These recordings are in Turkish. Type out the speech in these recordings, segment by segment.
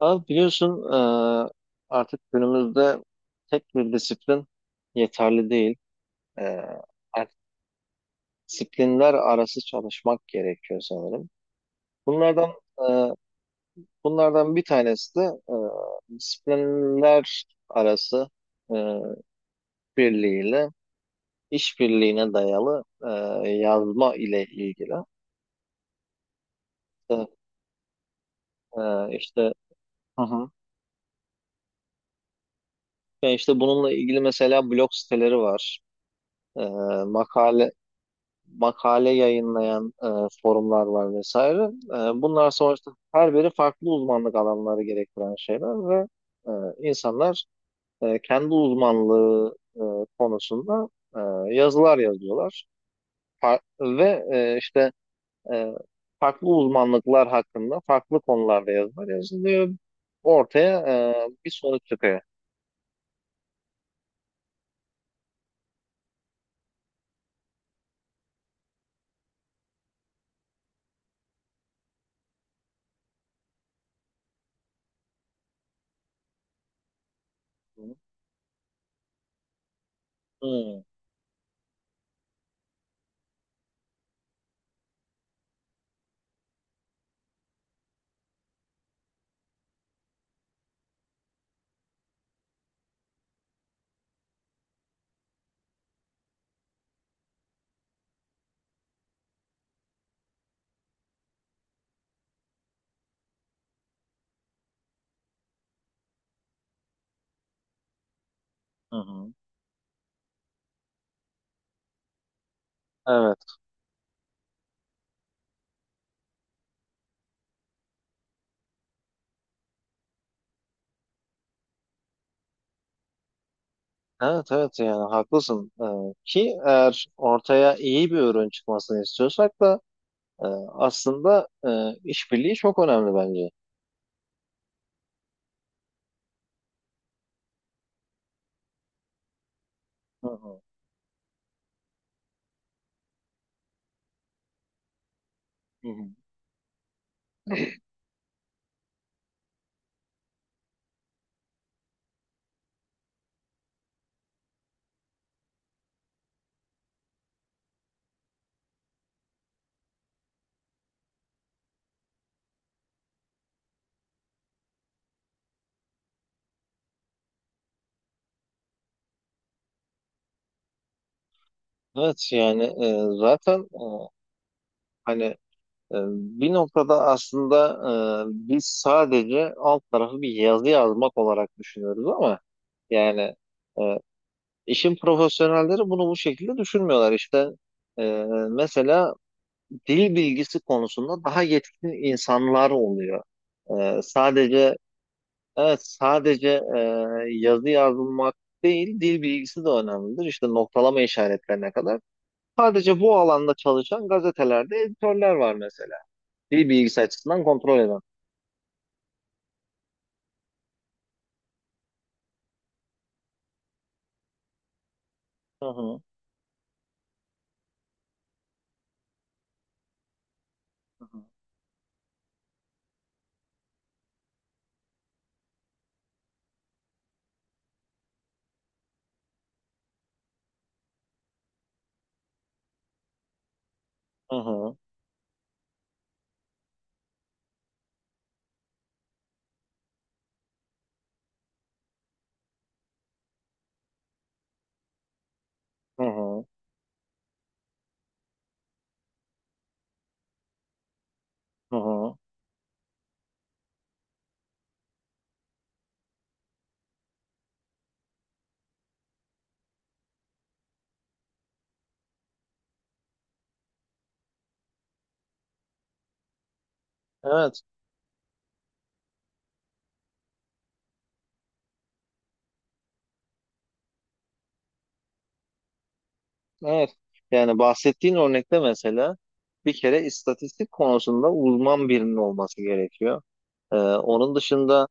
Abi biliyorsun artık günümüzde tek bir disiplin yeterli değil. E, artık disiplinler arası çalışmak gerekiyor sanırım. Bunlardan e, bunlardan bir tanesi de disiplinler arası e, birliğiyle işbirliğine dayalı yazma ile ilgili. E, e, işte hı hı. Yani işte bununla ilgili mesela blog siteleri var. E, makale makale yayınlayan forumlar var vesaire. Bunlar sonuçta her biri farklı uzmanlık alanları gerektiren şeyler ve e, insanlar kendi uzmanlığı konusunda yazılar yazıyorlar. Ve işte e, farklı uzmanlıklar hakkında farklı konularda yazılar yazılıyor. Ortaya bir sonuç çıkıyor. Hı hı. Hı. Evet. Evet, evet, yani haklısın. Ki eğer ortaya iyi bir ürün çıkmasını istiyorsak da e, aslında işbirliği çok önemli bence. Hı hı, hı hı. Evet, yani zaten hani bir noktada aslında biz sadece alt tarafı bir yazı yazmak olarak düşünüyoruz ama yani e, işin profesyonelleri bunu bu şekilde düşünmüyorlar. İşte e, mesela dil bilgisi konusunda daha yetkin insanlar oluyor. Sadece, evet, sadece e, yazı yazmak değil, dil bilgisi de önemlidir. İşte noktalama işaretlerine kadar. Sadece bu alanda çalışan gazetelerde editörler var mesela. Dil bilgisi açısından kontrol eden. Hı hı. Hı hı. Hı hı. Hı hı. Evet. Evet. Yani bahsettiğin örnekte mesela bir kere istatistik konusunda uzman birinin olması gerekiyor. Ee, onun dışında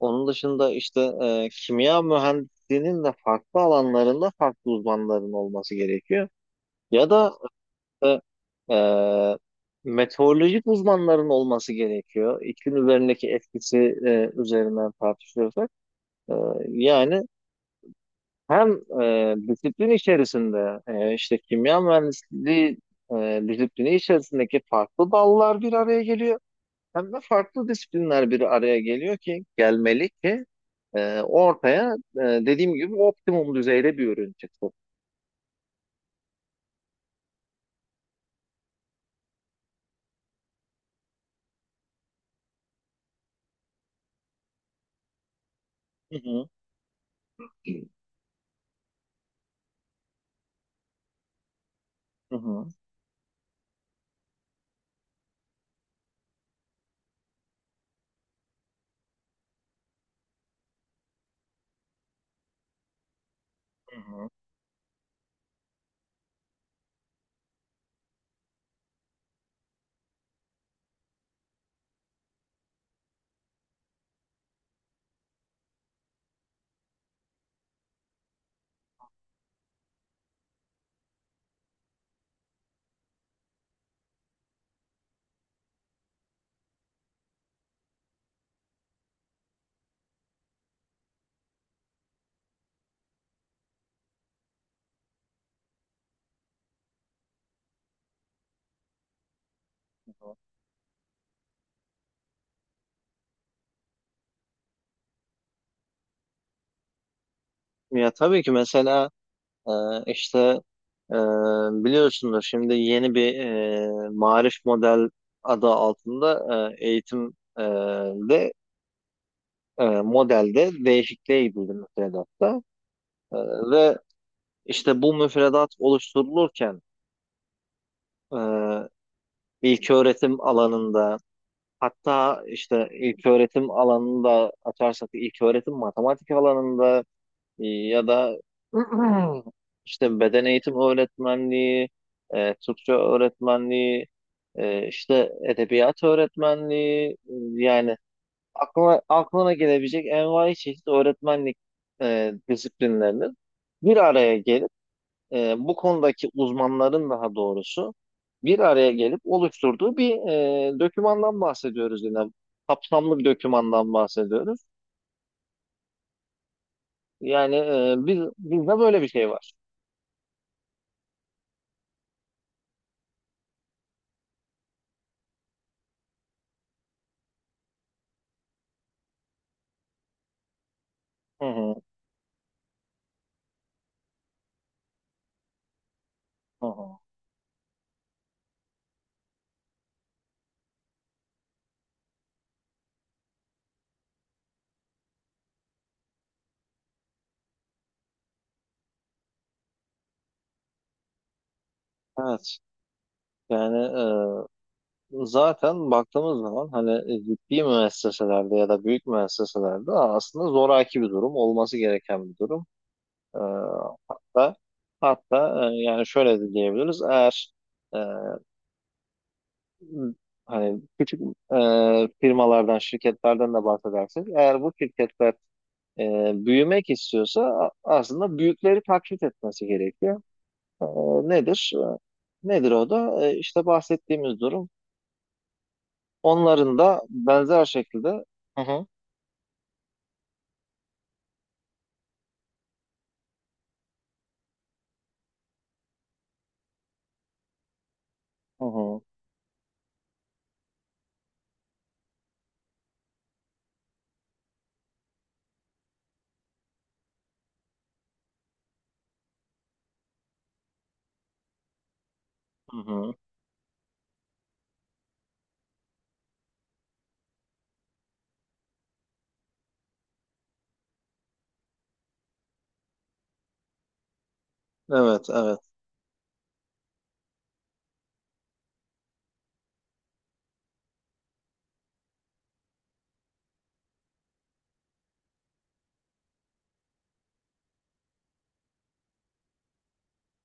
Onun dışında işte kimya mühendisliğinin de farklı alanlarında farklı uzmanların olması gerekiyor. Ya da e, e, meteorolojik uzmanların olması gerekiyor. İklim üzerindeki etkisi üzerinden tartışıyorsak. E, Yani hem disiplin içerisinde işte kimya mühendisliği disiplini içerisindeki farklı dallar bir araya geliyor. Hem de farklı disiplinler bir araya geliyor ki gelmeli ki ortaya dediğim gibi optimum düzeyde bir ürün çıksın. Hı hı, hı hı, hı hı. Ya tabii ki mesela e, işte e, biliyorsunuz şimdi yeni bir Maarif model adı altında eğitim de modelde değişikliğe gidildi müfredatta. E, Ve işte bu müfredat oluşturulurken e, ilköğretim alanında, hatta işte ilk öğretim alanında açarsak, ilk öğretim matematik alanında ya da işte beden eğitim öğretmenliği, Türkçe öğretmenliği, işte edebiyat öğretmenliği, yani aklına gelebilecek envai çeşit öğretmenlik disiplinlerinin bir araya gelip, bu konudaki uzmanların daha doğrusu bir araya gelip oluşturduğu bir dokümandan bahsediyoruz yine. Kapsamlı bir dokümandan bahsediyoruz. Yani bizde böyle bir şey var. Hı hı, hı hı. Evet. Yani zaten baktığımız zaman hani ciddi müesseselerde ya da büyük müesseselerde aslında zoraki bir durum, olması gereken bir durum. E, hatta hatta yani şöyle de diyebiliriz. Eğer e, hani küçük firmalardan, şirketlerden de bahsedersek, eğer bu şirketler e, büyümek istiyorsa aslında büyükleri taklit etmesi gerekiyor. E, Nedir? Nedir o da? İşte bahsettiğimiz durum. Onların da benzer şekilde. Hı hı, hı hı, hı hı. Evet, evet.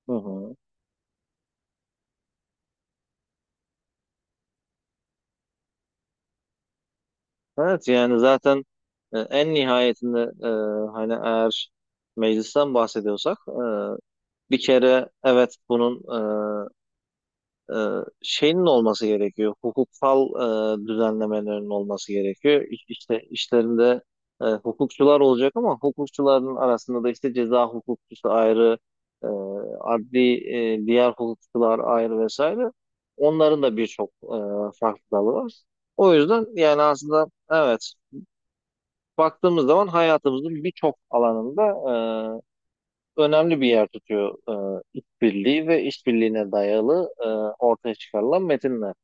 Hı hı. Evet, yani zaten en nihayetinde hani eğer meclisten bahsediyorsak bir kere, evet, bunun e, e, şeyinin olması gerekiyor. Hukuksal düzenlemelerin olması gerekiyor. İşte işlerinde hukukçular olacak, ama hukukçuların arasında da işte ceza hukukçusu ayrı, e, adli diğer hukukçular ayrı vesaire. Onların da birçok farklı dalı var. O yüzden yani aslında evet, baktığımız zaman hayatımızın birçok alanında önemli bir yer tutuyor işbirliği ve işbirliğine dayalı ortaya çıkarılan metinler.